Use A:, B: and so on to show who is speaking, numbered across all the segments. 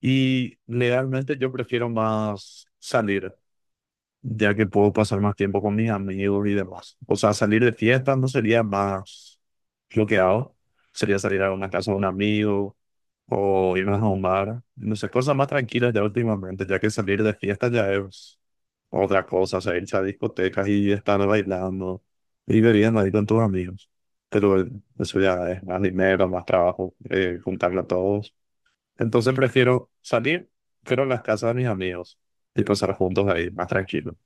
A: Y legalmente yo prefiero más salir, ya que puedo pasar más tiempo con mis amigos y demás. O sea, salir de fiesta no sería más lo que hago. Sería salir a una casa de un amigo o irnos a un bar. No sé, cosas más tranquilas ya últimamente, ya que salir de fiesta ya es otra cosa. O sea, irse a discotecas y estar bailando y bebiendo ahí con tus amigos. Pero eso ya es más dinero, más trabajo, juntarlo a todos. Entonces prefiero salir, pero en las casas de mis amigos y pasar juntos ahí, más tranquilo.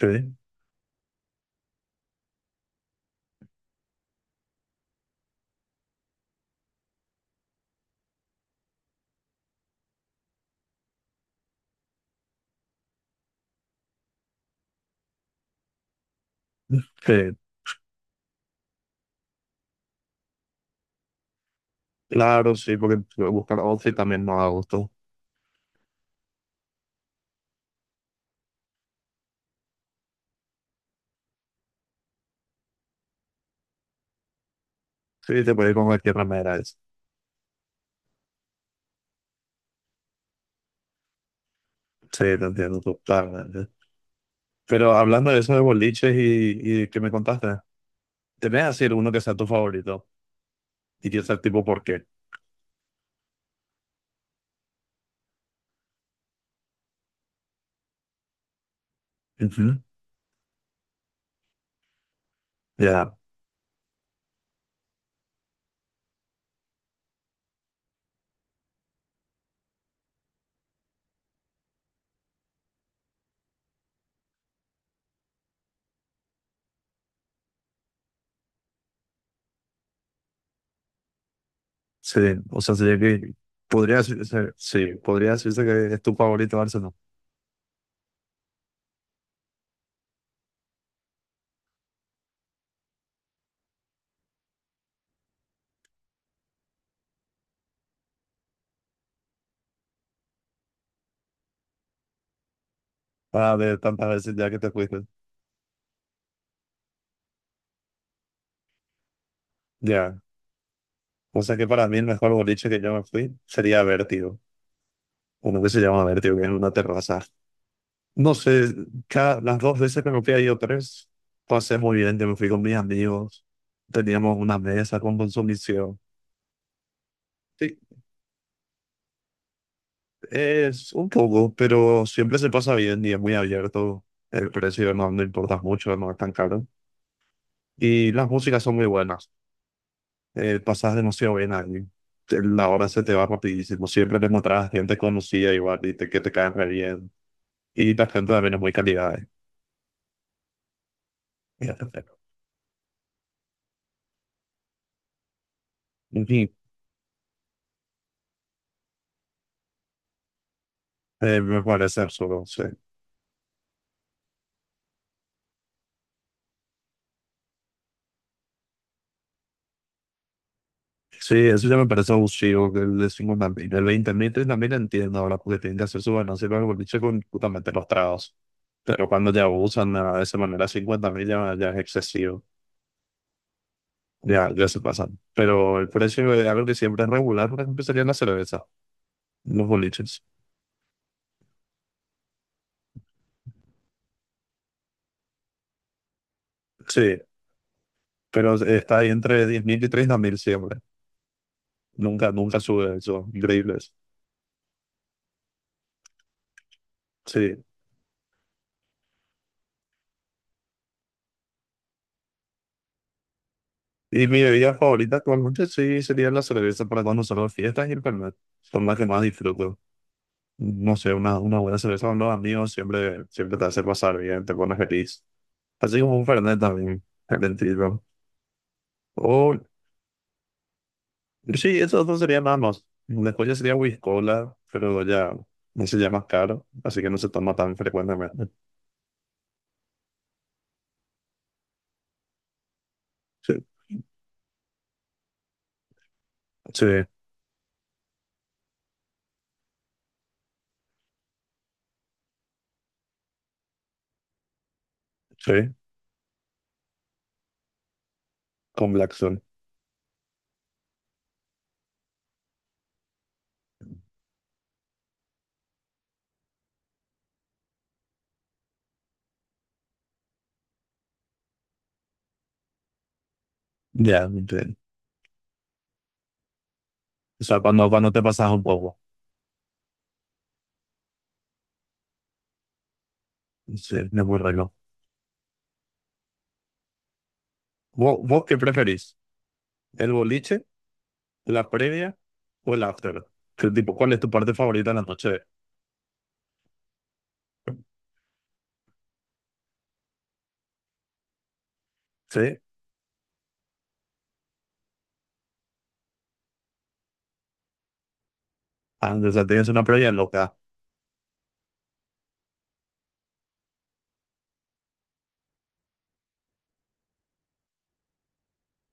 A: Sí, sí. Claro, sí, porque buscar outfit también no da gusto. Sí, te puedes ir con cualquier remera. Sí, te entiendo totalmente. Pero hablando de eso de boliches y que me contaste, te voy a decir uno que sea tu favorito y que sea tipo por qué. Ujú. Ya, sí, o sea, sería que podría decirse, sí, podría decirse que es tu favorito Arsenal. Ah, de tantas veces ya que te fuiste. Ya, o sea que para mí el mejor boliche que yo me fui sería Vértigo, uno que se llama Vértigo, que es una terraza. No sé, las dos veces que me fui, he ido tres, pasé muy bien, yo me fui con mis amigos, teníamos una mesa con consumición. Sí, es un poco, pero siempre se pasa bien y es muy abierto, el precio no, no importa mucho, no es tan caro. Y las músicas son muy buenas, pasas demasiado bien ahí. La hora se te va rapidísimo, siempre te encontrás gente conocida igual y que te caen re bien. Y la gente también es muy cálida. Y frío. En fin, me parece absurdo, sí. Sí, eso ya me parece abusivo que le decimos también. El 20.000 también entiendo ahora porque tienen que hacer su balance para el boliche con justamente los tragos. Pero cuando ya abusan de esa manera, 50.000 ya, ya es excesivo. Ya, ya se pasan. Pero el precio de algo que siempre es regular, por ejemplo, sería la cerveza, los boliches. Sí, pero está ahí entre 10.000 y 30 mil siempre. Nunca, nunca sube eso. Increíbles. Sí. Y mi bebida favorita actualmente sí sería la cerveza para cuando salgo a fiestas y el Fernet. Son las que más disfruto. No sé, una buena cerveza con los amigos siempre, siempre te hace pasar bien, te pones feliz. Así como un Fernet también, excelente. O, sí, esos dos serían nada más. Después ya sería whisky cola, pero ya ese ya es más caro, así que no se toma tan frecuentemente. Sí, sí, sí, con Black Sun. Ya, sí. O sea, cuando te pasas un poco. Sí, es muy rico. ¿Vos qué preferís? ¿El boliche, la previa o el after? Que, tipo, ¿cuál es tu parte favorita en la noche? Sí. Ah, o sea, tienes una previa loca.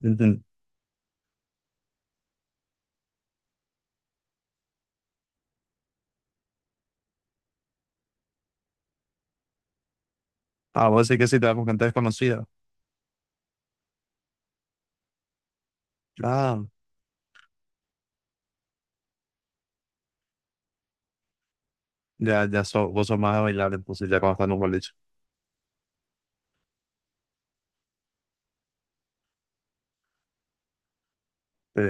A: Ujú. Ah, vos sí que sí te vas con gente desconocida. Ah, ya, ya vos sos más de bailar, entonces ya cuando estás en un boliche. Sí.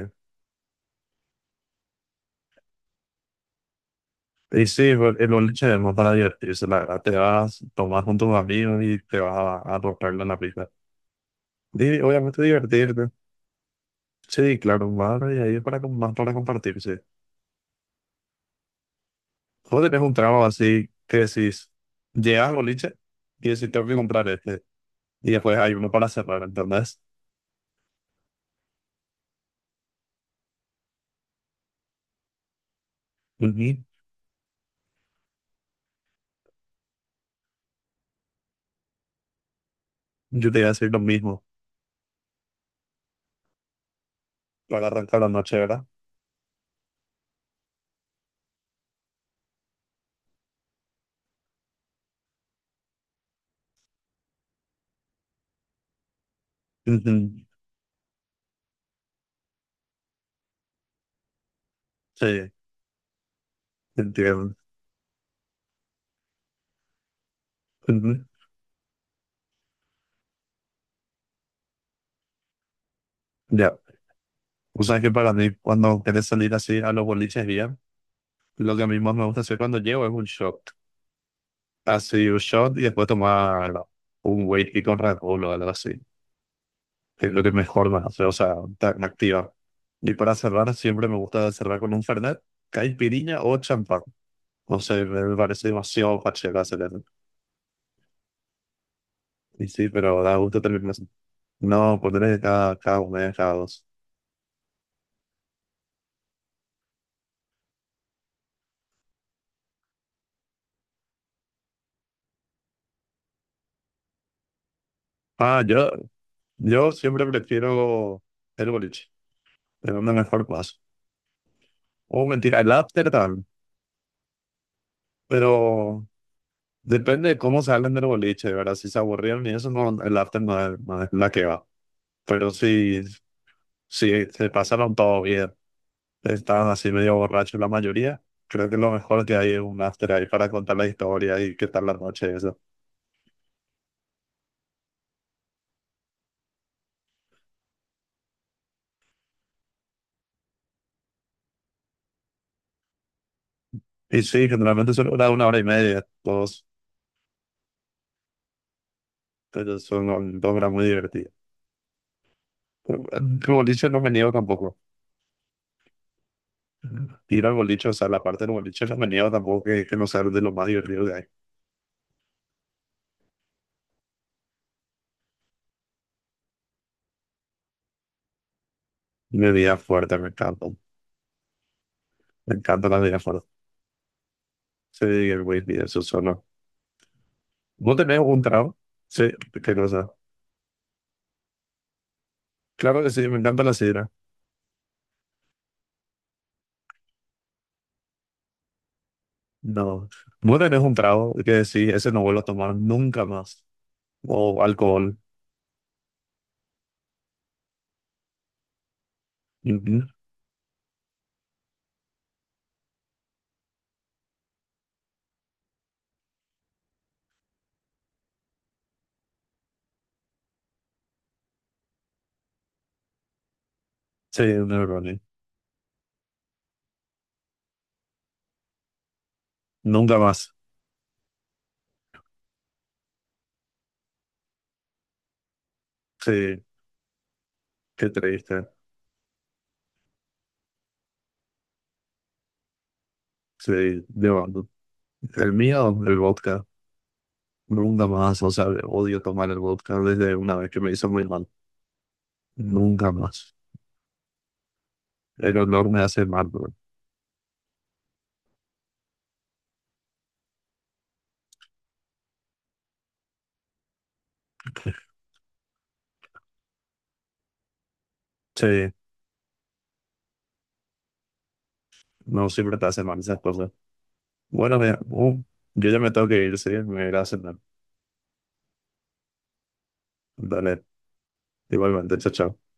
A: Y sí, el boliche es más para divertirse, la verdad. Te vas, tomás con tus amigos y te vas a romperla en la pista. Y obviamente divertirte. Sí, claro, más y ahí es para, más para compartirse. Vos tenés un trabajo así que decís, llegas al boliche y decís, tengo que comprar este. Y después hay uno para cerrar, ¿entendés? Ujú. Yo te iba a decir lo mismo para arrancar la noche, ¿verdad? Ujú. Sí, entiendo. Ujú. Ya. O sea, que para mí, cuando querés salir así a los boliches bien, lo que a mí más me gusta hacer cuando llego es un shot. Así, un shot y después tomar un whisky con Red Bull o algo así. Es lo que mejor me hace, o sea, tan activa. Y para cerrar, siempre me gusta cerrar con un Fernet, caipirinha o champán. No sé, me parece demasiado pacheco hacer eso. Y sí, pero da gusto terminar así. No, ponerle cada uno, cada dos. Ah, yo siempre prefiero el boliche. Es una mejor paso. O mentira, el after también. Pero depende de cómo salen del boliche, ¿verdad? Si se aburrieron y eso, no, el after no es, no es la que va. Pero sí, sí, se pasaron todo bien. Estaban así medio borrachos la mayoría. Creo que lo mejor que hay es un after ahí para contar la historia y qué tal la noche, eso. Y sí, generalmente solo dura una hora y media. Todos, ellos son 2 horas muy divertidas. Pero, el boliche no me niego tampoco. Ir al boliche, o sea, la parte del boliche no me niego tampoco, que no sea de lo más divertido que hay. Bebida fuerte, me encanta. Me encanta la bebida fuerte. Sí, el whisky, eso solo. ¿No tenés un trago? Sí, qué cosa. Claro que sí, me encanta la sidra. No. Mueren es un trago, que sí, ese no vuelvo a tomar nunca más. O alcohol. Ujú. Sí, neurones. Nunca más. Sí, qué triste. Sí, de verdad. El mío, el vodka. Nunca más. O sea, odio tomar el vodka desde una vez que me hizo muy mal. Nunca más. El olor me hace mal, bro. Sí, no siempre te hace mal esas cosas. Bueno, mira, yo ya me tengo que ir, sí, me iré a cenar. Dale, igualmente, chao, chao.